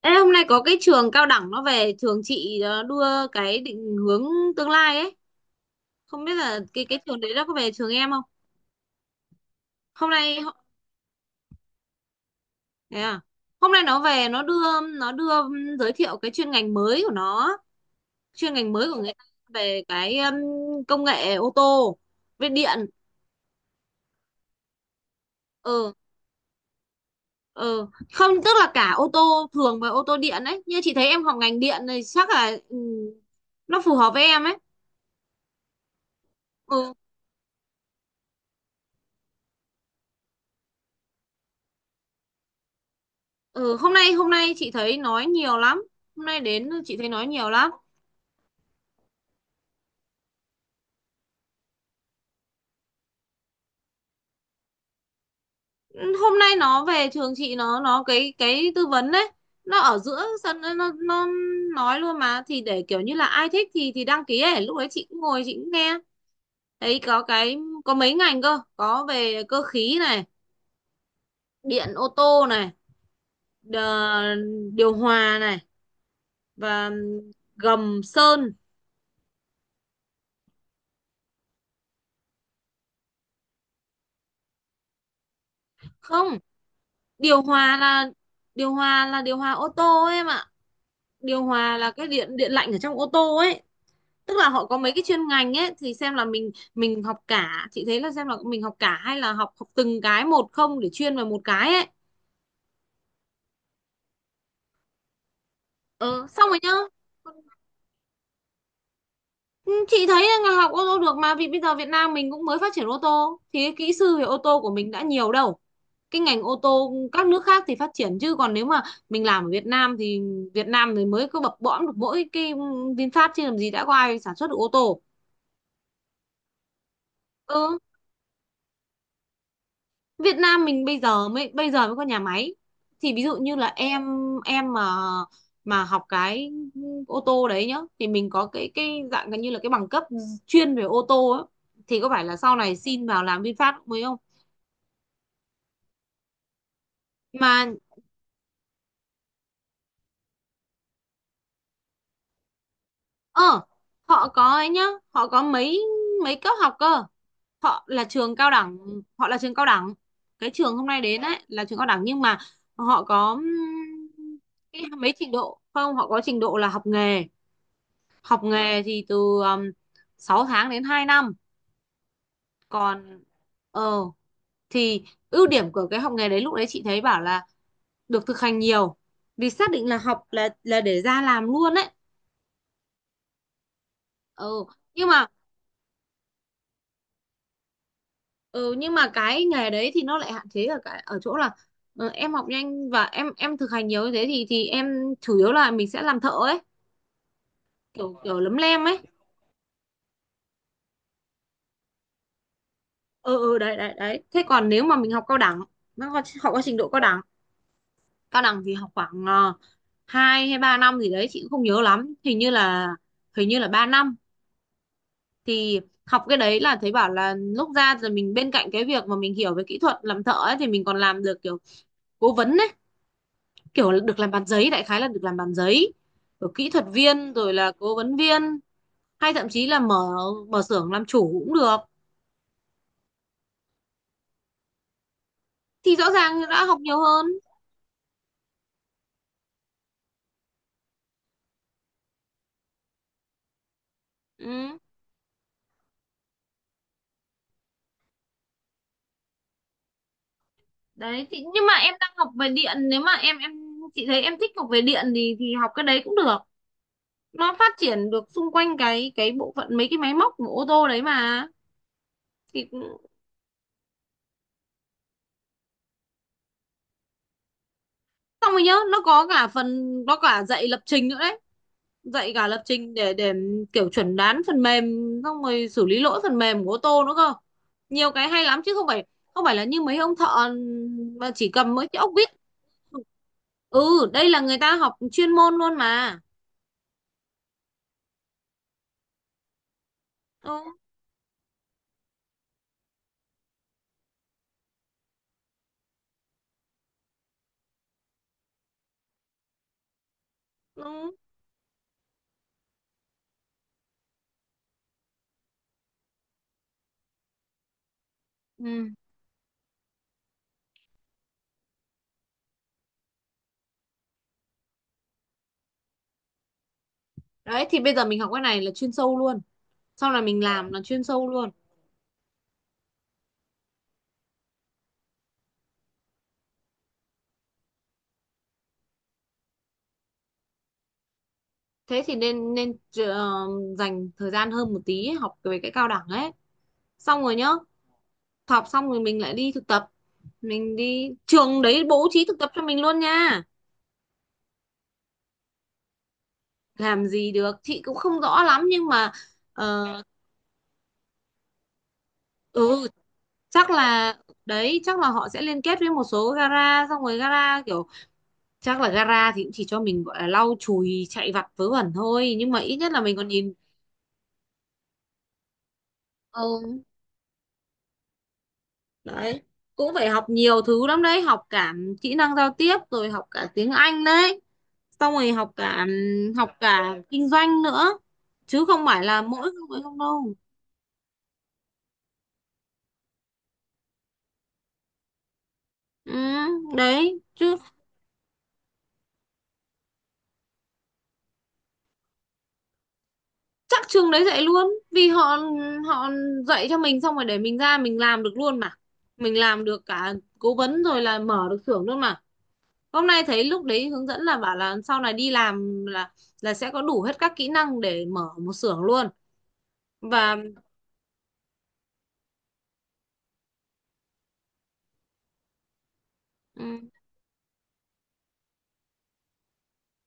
Ê, hôm nay có cái trường cao đẳng nó về trường chị đưa cái định hướng tương lai ấy. Không biết là cái trường đấy nó có về trường em không. hôm nay ho- Thế à? Hôm nay nó về nó đưa giới thiệu cái chuyên ngành mới của nó, chuyên ngành mới của người ta, về cái công nghệ ô tô, về điện. Ừ, ừ, không, tức là cả ô tô thường và ô tô điện ấy. Như chị thấy em học ngành điện này chắc là nó phù hợp với em ấy. Ừ. Ừ, hôm nay chị thấy nói nhiều lắm. Hôm nay đến chị thấy nói nhiều lắm. Ừ, hôm nay nó về trường chị, nó cái tư vấn đấy. Nó ở giữa sân nó nói luôn mà, thì để kiểu như là ai thích thì đăng ký ấy. Lúc đấy chị cũng ngồi, chị cũng nghe. Thấy có mấy ngành cơ, có về cơ khí này, điện ô tô này, đờ- điều hòa này, và gầm sơn. Không, điều hòa là điều hòa là điều hòa ô tô ấy em ạ. Điều hòa là cái điện điện lạnh ở trong ô tô ấy. Tức là họ có mấy cái chuyên ngành ấy thì xem là mình học cả, chị thấy là xem là mình học cả hay là học học từng cái một, không để chuyên vào một cái ấy. Ờ Xong rồi nhá. Ừ, chị thấy là ngành học ô tô được mà, vì bây giờ Việt Nam mình cũng mới phát triển ô tô thì cái kỹ sư về ô tô của mình đã nhiều đâu. Cái ngành ô tô các nước khác thì phát triển, chứ còn nếu mà mình làm ở Việt Nam thì mới có bập bõm được mỗi cái VinFast, chứ làm gì đã có ai sản xuất được ô tô. Ừ, Việt Nam mình bây giờ mới có nhà máy. Thì ví dụ như là em mà học cái ô tô đấy nhá, thì mình có cái dạng gần như là cái bằng cấp chuyên về ô tô ấy. Thì có phải là sau này xin vào làm VinFast cũng mới không mà. ờ Họ có ấy nhá, họ có mấy mấy cấp học cơ. Họ là trường cao đẳng, họ là trường cao đẳng cái trường hôm nay đến ấy là trường cao đẳng, nhưng mà họ có cái mấy trình độ không. Họ có trình độ là học nghề. Học nghề thì từ um, 6 tháng đến 2 năm. Còn ờ thì ưu điểm của cái học nghề đấy, lúc đấy chị thấy bảo là được thực hành nhiều, vì xác định là học là để ra làm luôn đấy. Ờ nhưng mà ừ, nhưng mà cái nghề đấy thì nó lại hạn chế ở cái, ở chỗ là em học nhanh và em thực hành nhiều như thế thì em chủ yếu là mình sẽ làm thợ ấy, kiểu kiểu lấm lem ấy. Ừ, ừ, đấy, đấy, đấy. Thế còn nếu mà mình học cao đẳng, nó có trình độ cao đẳng. Cao đẳng thì học khoảng hai hay ba năm gì đấy, chị cũng không nhớ lắm, hình như là 3 năm. Thì học cái đấy là thấy bảo là lúc ra rồi, mình bên cạnh cái việc mà mình hiểu về kỹ thuật làm thợ ấy, thì mình còn làm được kiểu cố vấn ấy, kiểu là được làm bàn giấy, đại khái là được làm bàn giấy rồi kỹ thuật viên rồi là cố vấn viên, hay thậm chí là mở mở xưởng làm chủ cũng được. Thì rõ ràng đã học nhiều hơn. Ừ. Đấy, thì nhưng mà em đang học về điện, nếu mà em chị thấy em thích học về điện thì học cái đấy cũng được, nó phát triển được xung quanh cái bộ phận mấy cái máy móc của ô tô đấy mà. thì cũng- Xong rồi nhớ nó có cả phần, nó cả dạy lập trình nữa đấy. Dạy cả lập trình để kiểu chuẩn đoán phần mềm, xong rồi xử lý lỗi phần mềm của ô tô nữa cơ. Nhiều cái hay lắm chứ không phải, không phải là như mấy ông thợ mà chỉ cầm mấy cái ốc vít. Ừ, đây là người ta học chuyên môn luôn mà. Ừ. Ừ. ừ. Đấy, thì bây giờ mình học cái này là chuyên sâu luôn, sau này mình làm là chuyên sâu luôn. Thế thì nên nên dành thời gian hơn một tí ấy, học về cái cao đẳng ấy. Xong rồi nhá, học xong rồi mình lại đi thực tập, mình đi trường đấy bố trí thực tập cho mình luôn nha. Làm gì được chị cũng không rõ lắm, nhưng mà ờ, ừ, chắc là, đấy chắc là họ sẽ liên kết với một số gara, xong rồi gara kiểu, chắc là gara thì cũng chỉ cho mình gọi là lau chùi chạy vặt vớ vẩn thôi, nhưng mà ít nhất là mình còn nhìn. Ừ, đấy, cũng phải học nhiều thứ lắm đấy, học cả kỹ năng giao tiếp rồi học cả tiếng Anh đấy, xong rồi học cả kinh doanh nữa, chứ không phải là mỗi không không đâu. Ừ, đấy chứ. Chắc trường đấy dạy luôn, vì họ họ dạy cho mình xong rồi để mình ra mình làm được luôn mà. Mình làm được cả cố vấn rồi là mở được xưởng luôn mà. Hôm nay thấy lúc đấy hướng dẫn là bảo là sau này đi làm là sẽ có đủ hết các kỹ năng để mở một xưởng luôn. Và ừ,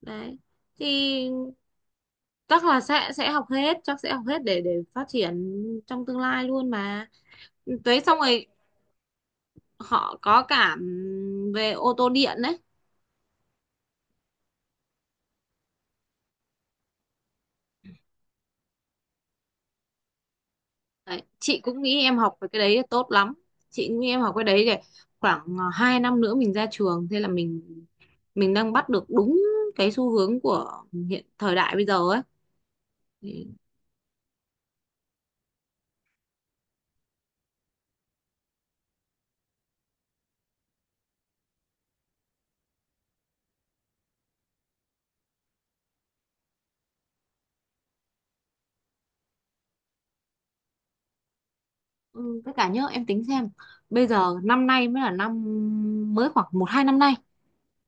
đấy thì chắc là sẽ học hết, chắc sẽ học hết để phát triển trong tương lai luôn mà. Đấy, xong rồi họ có cả về ô tô điện đấy. Đấy, chị cũng nghĩ em học về cái đấy là tốt lắm. Chị cũng nghĩ em học cái đấy để khoảng 2 năm nữa mình ra trường, thế là mình đang bắt được đúng cái xu hướng của hiện thời đại bây giờ ấy. Thì, ừ, với cả nhớ em tính xem, bây giờ năm nay mới là năm, mới khoảng một hai năm nay,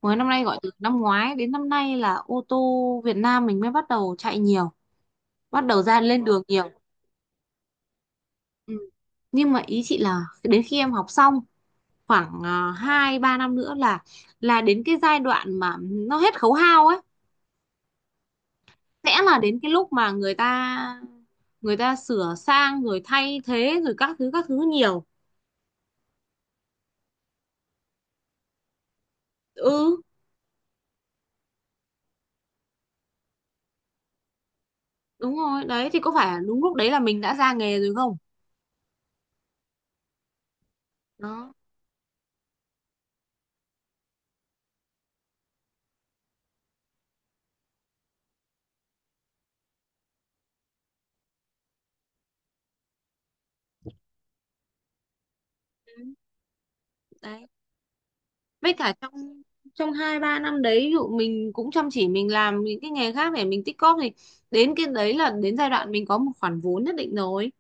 mới năm nay, gọi từ năm ngoái đến năm nay là ô tô Việt Nam mình mới bắt đầu chạy nhiều, bắt đầu ra lên đường nhiều. Ừ. Nhưng mà ý chị là đến khi em học xong, khoảng hai ba năm nữa là đến cái giai đoạn mà nó hết khấu hao ấy, sẽ là đến cái lúc mà người ta sửa sang rồi thay thế rồi các thứ nhiều. Ừ, đúng rồi. Đấy thì có phải đúng lúc đấy là mình đã ra nghề rồi không. Đó. Ừ, đấy, với cả trong trong hai ba năm đấy, ví dụ mình cũng chăm chỉ mình làm những cái nghề khác để mình tích cóp thì đến cái đấy là đến giai đoạn mình có một khoản vốn nhất định rồi.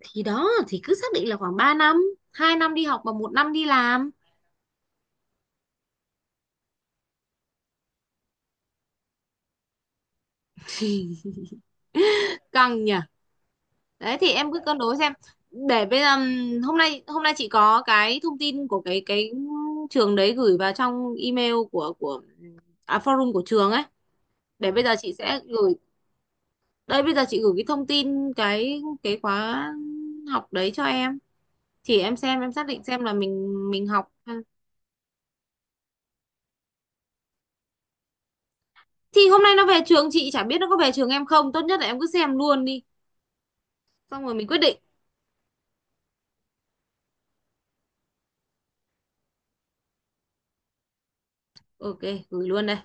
Thì đó, thì cứ xác định là khoảng 3 năm, 2 năm đi học và 1 năm đi làm. Căng nhỉ. Đấy, thì em cứ cân đối xem. Để bây giờ hôm nay chị có cái thông tin của cái trường đấy gửi vào trong email của forum của trường ấy. Để bây giờ chị sẽ gửi. Đây, bây giờ chị gửi cái thông tin cái khóa học đấy cho em, thì em xem em xác định xem là mình học. Thì hôm nay nó về trường chị, chả biết nó có về trường em không. Tốt nhất là em cứ xem luôn đi, xong rồi mình quyết định. OK, gửi luôn đây.